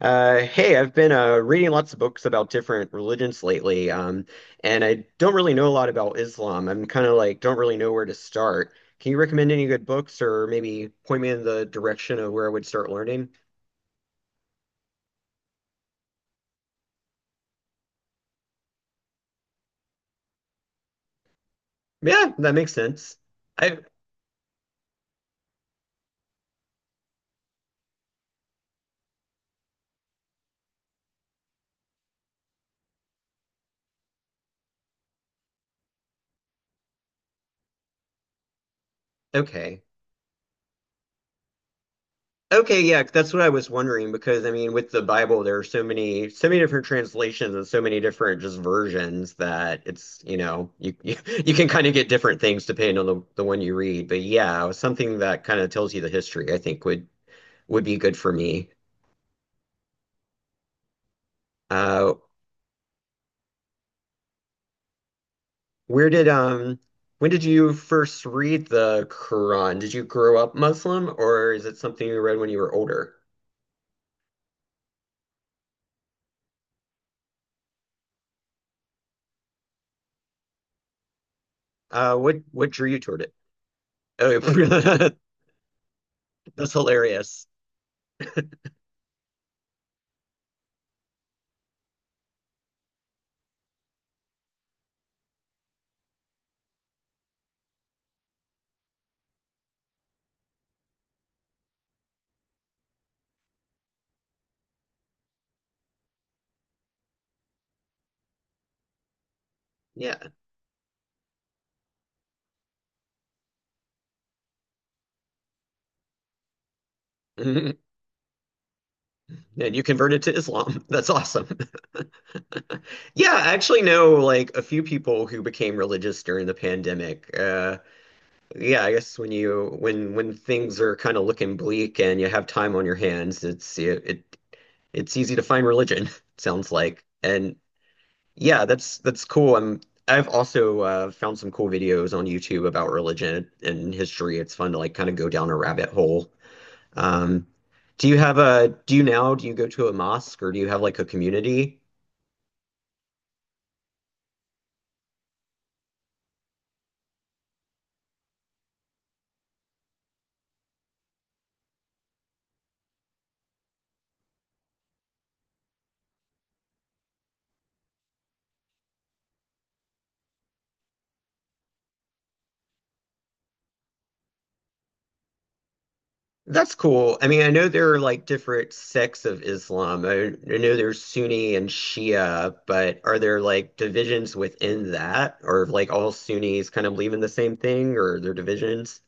Hey, I've been reading lots of books about different religions lately, and I don't really know a lot about Islam. I'm kind of like don't really know where to start. Can you recommend any good books or maybe point me in the direction of where I would start learning? Yeah, that makes sense. I okay. Okay, yeah, that's what I was wondering because I mean, with the Bible, there are so many, so many different translations and so many different just versions that it's, you, you can kind of get different things depending on the one you read. But yeah, something that kind of tells you the history, I think would be good for me. Uh, where did when did you first read the Quran? Did you grow up Muslim, or is it something you read when you were older? What drew you toward it? Oh, that's hilarious. Yeah. And you converted to Islam. That's awesome. Yeah, I actually know like a few people who became religious during the pandemic. Yeah, I guess when you when things are kind of looking bleak and you have time on your hands, it's it, it it's easy to find religion, sounds like. And yeah, that's cool. I've also found some cool videos on YouTube about religion and history. It's fun to like kind of go down a rabbit hole. Um, do you go to a mosque or do you have like a community? That's cool. I mean, I know there are like different sects of Islam. I know there's Sunni and Shia, but are there like divisions within that? Or if, like all Sunnis kind of believe in the same thing or are there divisions?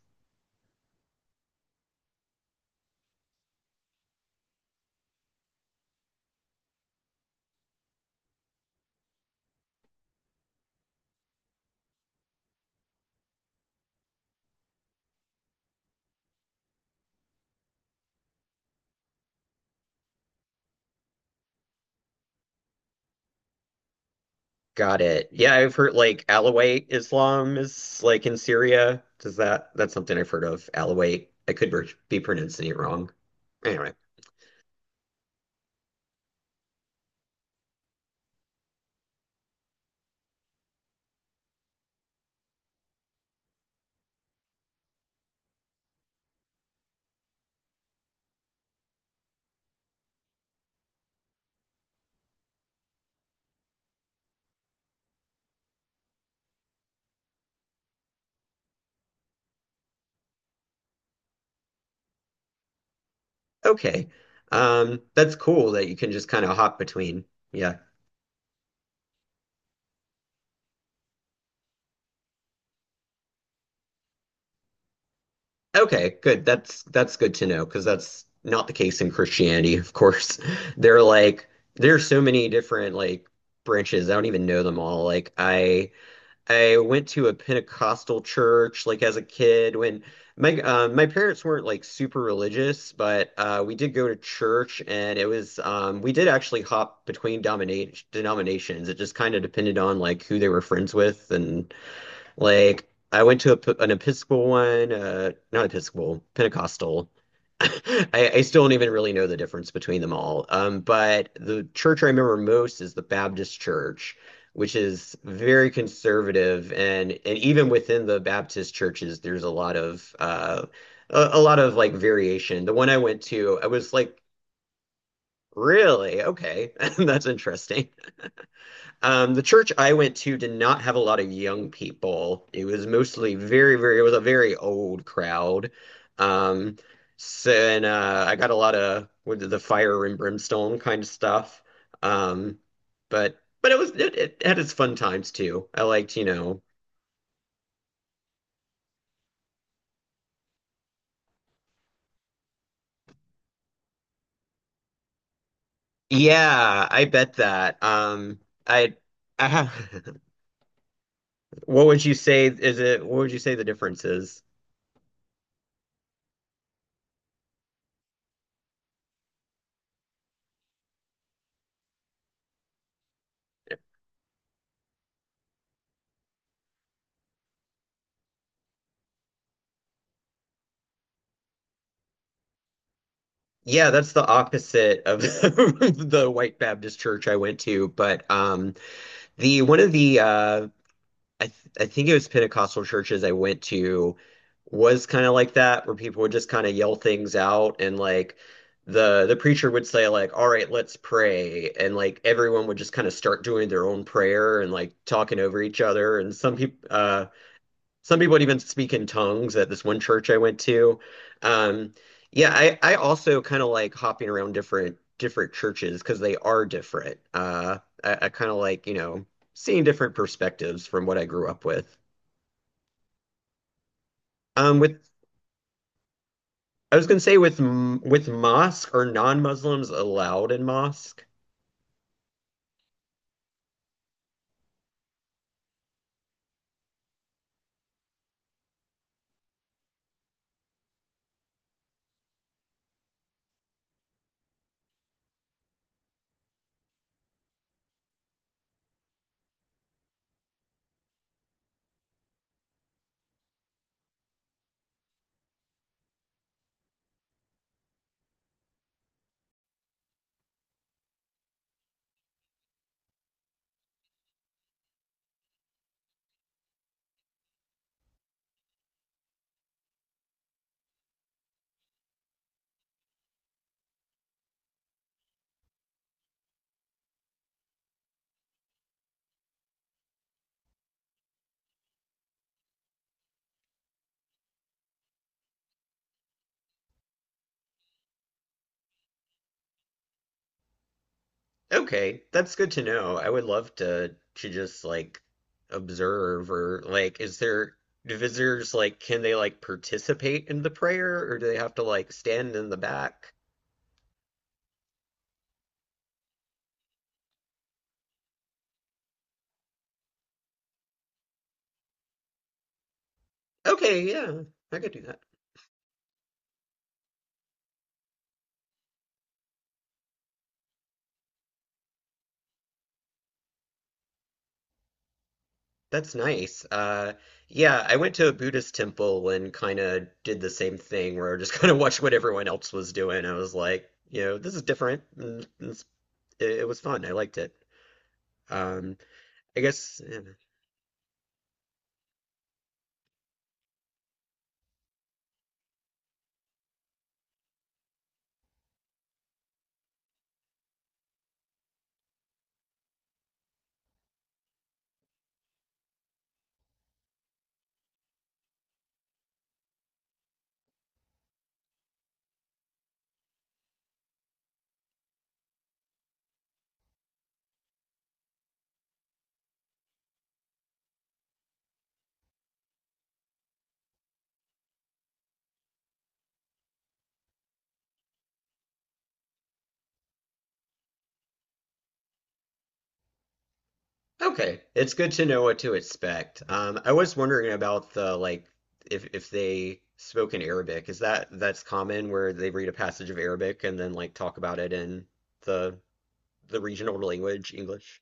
Got it. Yeah, I've heard like Alawite Islam is like in Syria. That's something I've heard of. Alawite. I could be pronouncing it wrong. Anyway. Okay. That's cool that you can just kind of hop between. Yeah. Okay, good. That's good to know because that's not the case in Christianity, of course. They're like there are so many different like branches. I don't even know them all. I went to a Pentecostal church like as a kid when my my parents weren't like super religious, but we did go to church and it was we did actually hop between dominate denominations. It just kind of depended on like who they were friends with and like I went to an Episcopal one, not Episcopal, Pentecostal. I still don't even really know the difference between them all. But the church I remember most is the Baptist church, which is very conservative, and even within the Baptist churches, there's a lot of a lot of like variation. The one I went to, I was like, really? Okay, that's interesting. The church I went to did not have a lot of young people. It was mostly very, very, it was a very old crowd. Um, so, and I got a lot of with the fire and brimstone kind of stuff. Um, but it was it had its fun times too. I liked, you know. Yeah, I bet that. I, I have, what would you say is it? What would you say the difference is? Yeah, that's the opposite of the white Baptist church I went to. But the one of the I think it was Pentecostal churches I went to was kind of like that, where people would just kind of yell things out, and like the preacher would say like, "All right, let's pray," and like everyone would just kind of start doing their own prayer and like talking over each other. And some people would even speak in tongues at this one church I went to. Um, yeah, I also kind of like hopping around different churches because they are different. I kind of like, you know, seeing different perspectives from what I grew up with. Um, with I was gonna say with mosque are non-Muslims allowed in mosque? Okay, that's good to know. I would love to just like observe or like is there do visitors like can they like participate in the prayer or do they have to like stand in the back? Okay, yeah, I could do that. That's nice. Yeah, I went to a Buddhist temple and kind of did the same thing where I just kind of watched what everyone else was doing. I was like, you know, this is different. It was fun. I liked it. Um, I guess. Yeah. Okay, it's good to know what to expect. I was wondering about the like if they spoke in Arabic. Is that that's common where they read a passage of Arabic and then like talk about it in the the regional language, English?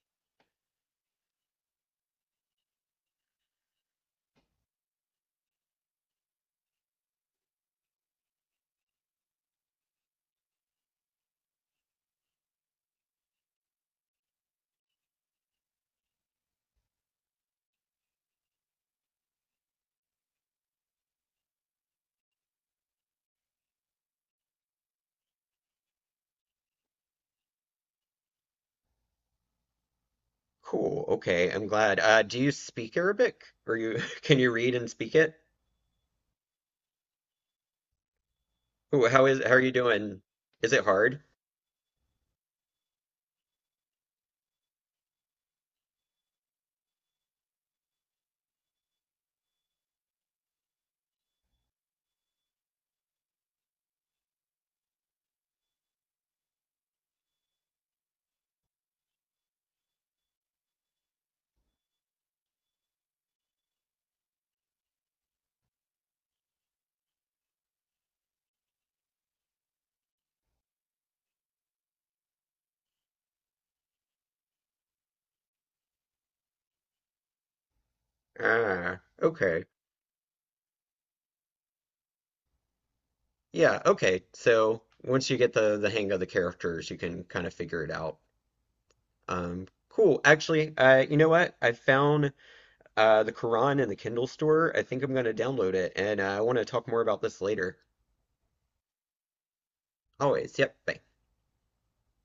Cool. Okay, I'm glad. Do you speak Arabic? Or you can you read and speak it? Ooh, how is how are you doing? Is it hard? Ah, okay. Yeah, okay. So once you get the hang of the characters, you can kind of figure it out. Cool. Actually, you know what? I found the Quran in the Kindle store. I think I'm going to download it, and I want to talk more about this later. Always. Yep. Bye.